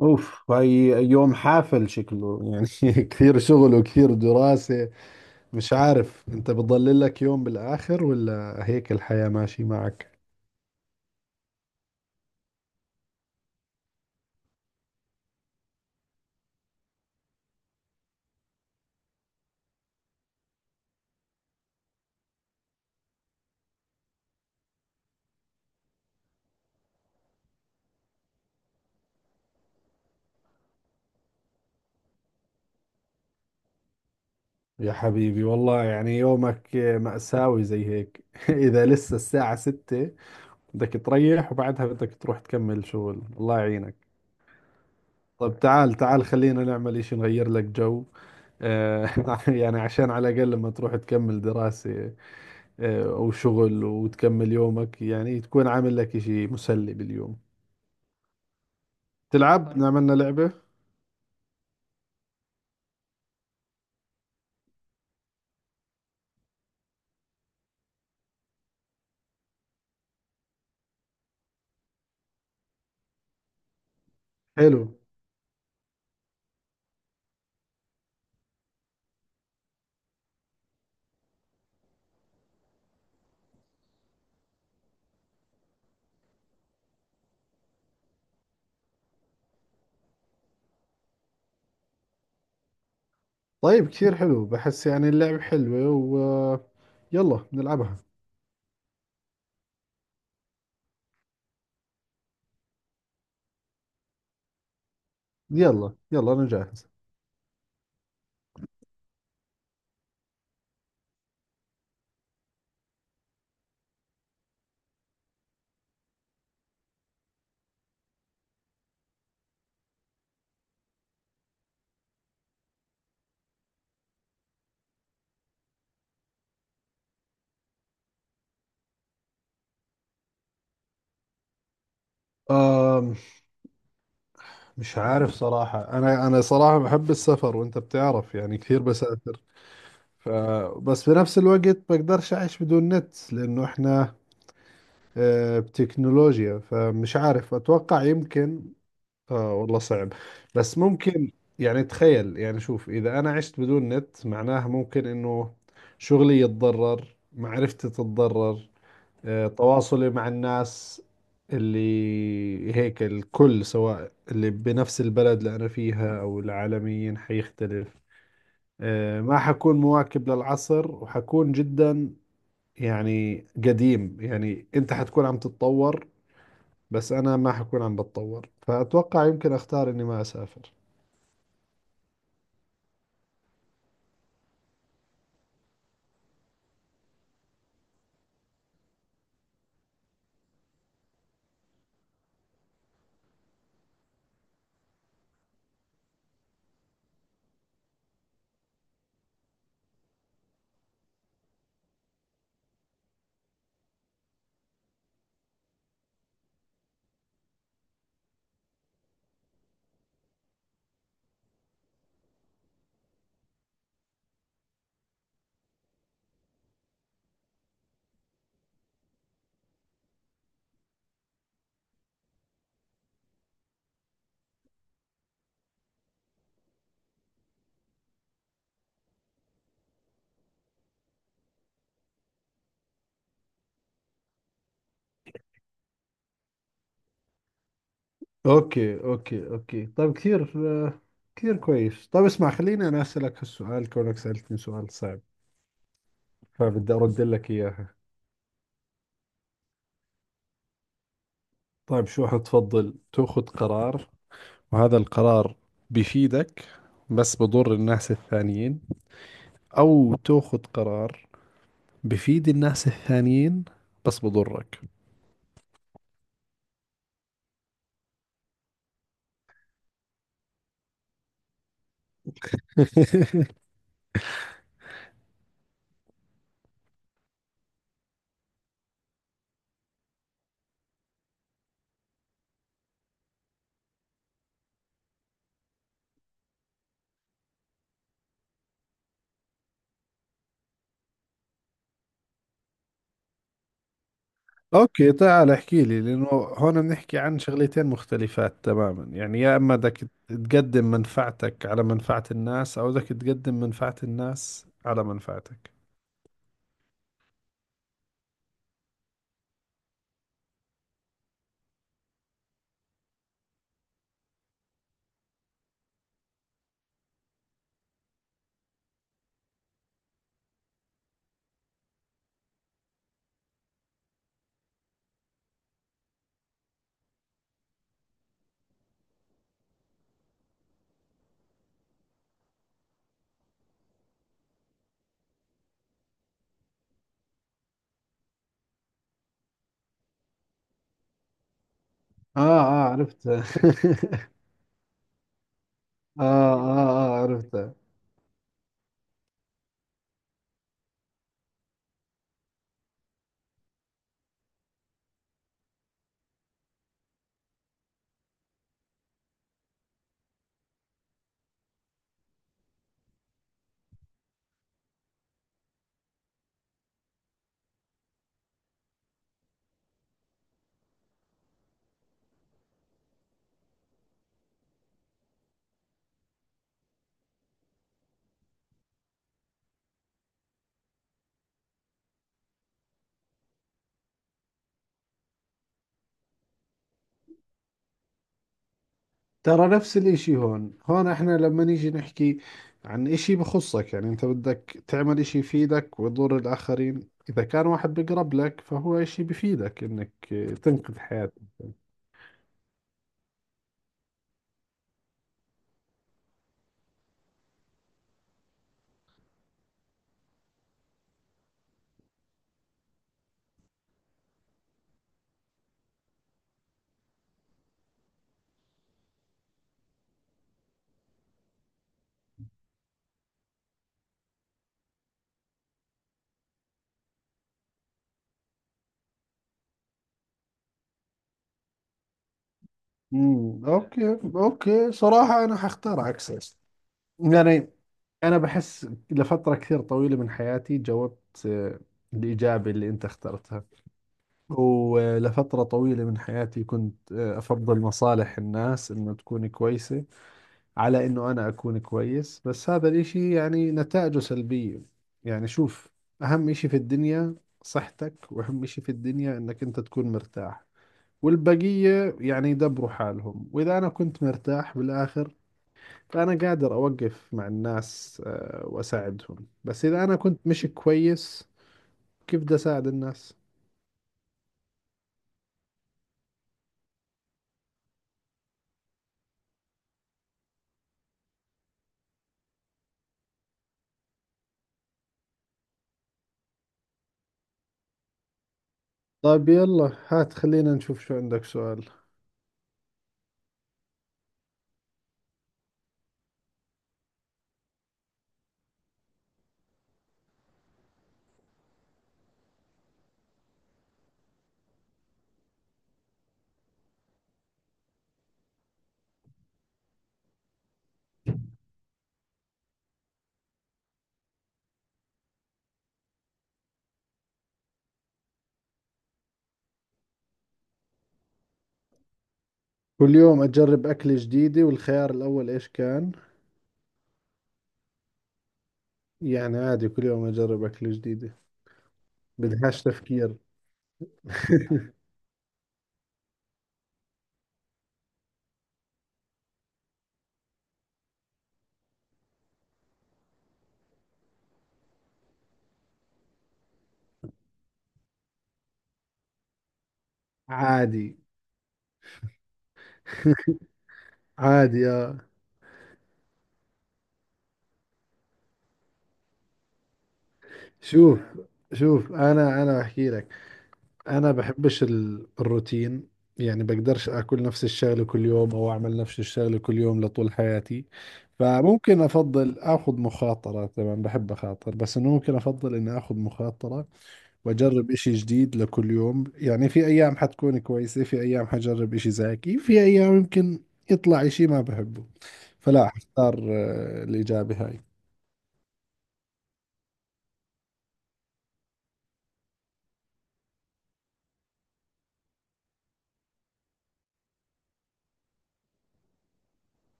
اوف هاي. يوم حافل شكله يعني. كثير شغل وكثير دراسة. مش عارف انت بتضل لك يوم بالاخر ولا هيك الحياة ماشي معك؟ يا حبيبي والله يعني يومك مأساوي زي هيك. اذا لسه الساعة ستة بدك تريح وبعدها بدك تروح تكمل شغل، الله يعينك. طب تعال خلينا نعمل اشي نغير لك جو. آه، يعني عشان على الاقل لما تروح تكمل دراسة وشغل وتكمل يومك، يعني تكون عامل لك إشي مسلي باليوم. تلعب؟ طيب إحنا عملنا لعبة حلو. طيب كثير حلو، بحس يعني اللعبة حلوة و يلا نلعبها. يلا يلا أنا جاهز. آم مش عارف صراحة، أنا صراحة بحب السفر وأنت بتعرف يعني كثير بسافر. ف بس بنفس الوقت بقدرش أعيش بدون نت، لأنه إحنا بتكنولوجيا، فمش عارف، أتوقع يمكن اه والله صعب، بس ممكن. يعني تخيل، يعني شوف، اذا انا عشت بدون نت معناها ممكن انه شغلي يتضرر، معرفتي تتضرر، تواصلي مع الناس اللي هيك الكل، سواء اللي بنفس البلد اللي انا فيها او العالميين، حيختلف. ما حكون مواكب للعصر، وحكون جدا يعني قديم. يعني انت حتكون عم تتطور بس انا ما حكون عم بتطور، فاتوقع يمكن اختار اني ما اسافر. اوكي اوكي اوكي، طيب كثير آه، كثير كويس. طيب اسمع، خليني انا اسالك هالسؤال كونك سالتني سؤال صعب، فبدي ارد لك اياها. طيب شو حتفضل، تاخذ قرار وهذا القرار بفيدك بس بضر الناس الثانيين، او تاخذ قرار بفيد الناس الثانيين بس بضرك؟ اوكي، تعال احكي لي، لانه هون بنحكي عن شغلتين مختلفات تماما. يعني يا اما بدك تقدم منفعتك على منفعة الناس او بدك تقدم منفعة الناس على منفعتك. اه اه عرفتها. آه, اه اه عرفتها. ترى نفس الاشي هون، هون احنا لما نيجي نحكي عن اشي بخصك، يعني انت بدك تعمل اشي يفيدك ويضر الاخرين، اذا كان واحد بقرب لك فهو اشي بفيدك انك تنقذ حياة. امم، اوكي اوكي، صراحة انا حختار عكسك. يعني انا بحس لفترة كثير طويلة من حياتي جاوبت آه، الإجابة اللي انت اخترتها. ولفترة طويلة من حياتي كنت افضل مصالح الناس انه تكون كويسة على انه انا اكون كويس، بس هذا الاشي يعني نتائجه سلبية. يعني شوف، اهم اشي في الدنيا صحتك، واهم اشي في الدنيا انك انت تكون مرتاح، والبقية يعني يدبروا حالهم. وإذا أنا كنت مرتاح بالآخر، فأنا قادر أوقف مع الناس وأساعدهم، بس إذا أنا كنت مش كويس كيف بدي أساعد الناس؟ طيب يلا هات، خلينا نشوف شو عندك سؤال. كل يوم أجرب أكلة جديدة، والخيار الأول إيش كان؟ يعني عادي كل يوم أجرب أكلة جديدة، بدهاش تفكير. عادي، عادي يا. شوف، شوف أنا أحكي لك، انا بحبش الروتين. يعني بقدرش اكل نفس الشغله كل يوم او اعمل نفس الشغله كل يوم لطول حياتي. فممكن افضل اخذ مخاطره، طبعا بحب اخاطر، بس انه ممكن افضل اني اخذ مخاطره واجرب اشي جديد لكل يوم. يعني في ايام حتكون كويسه، في ايام حجرب اشي زاكي، في ايام يمكن يطلع اشي ما بحبه، فلا اختار الاجابه هاي.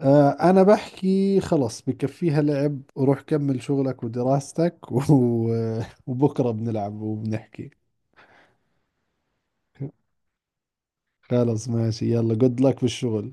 أنا بحكي خلص بكفيها لعب، روح كمل شغلك ودراستك. و... وبكرة بنلعب وبنحكي. خلص ماشي، يلا جود لك بالشغل.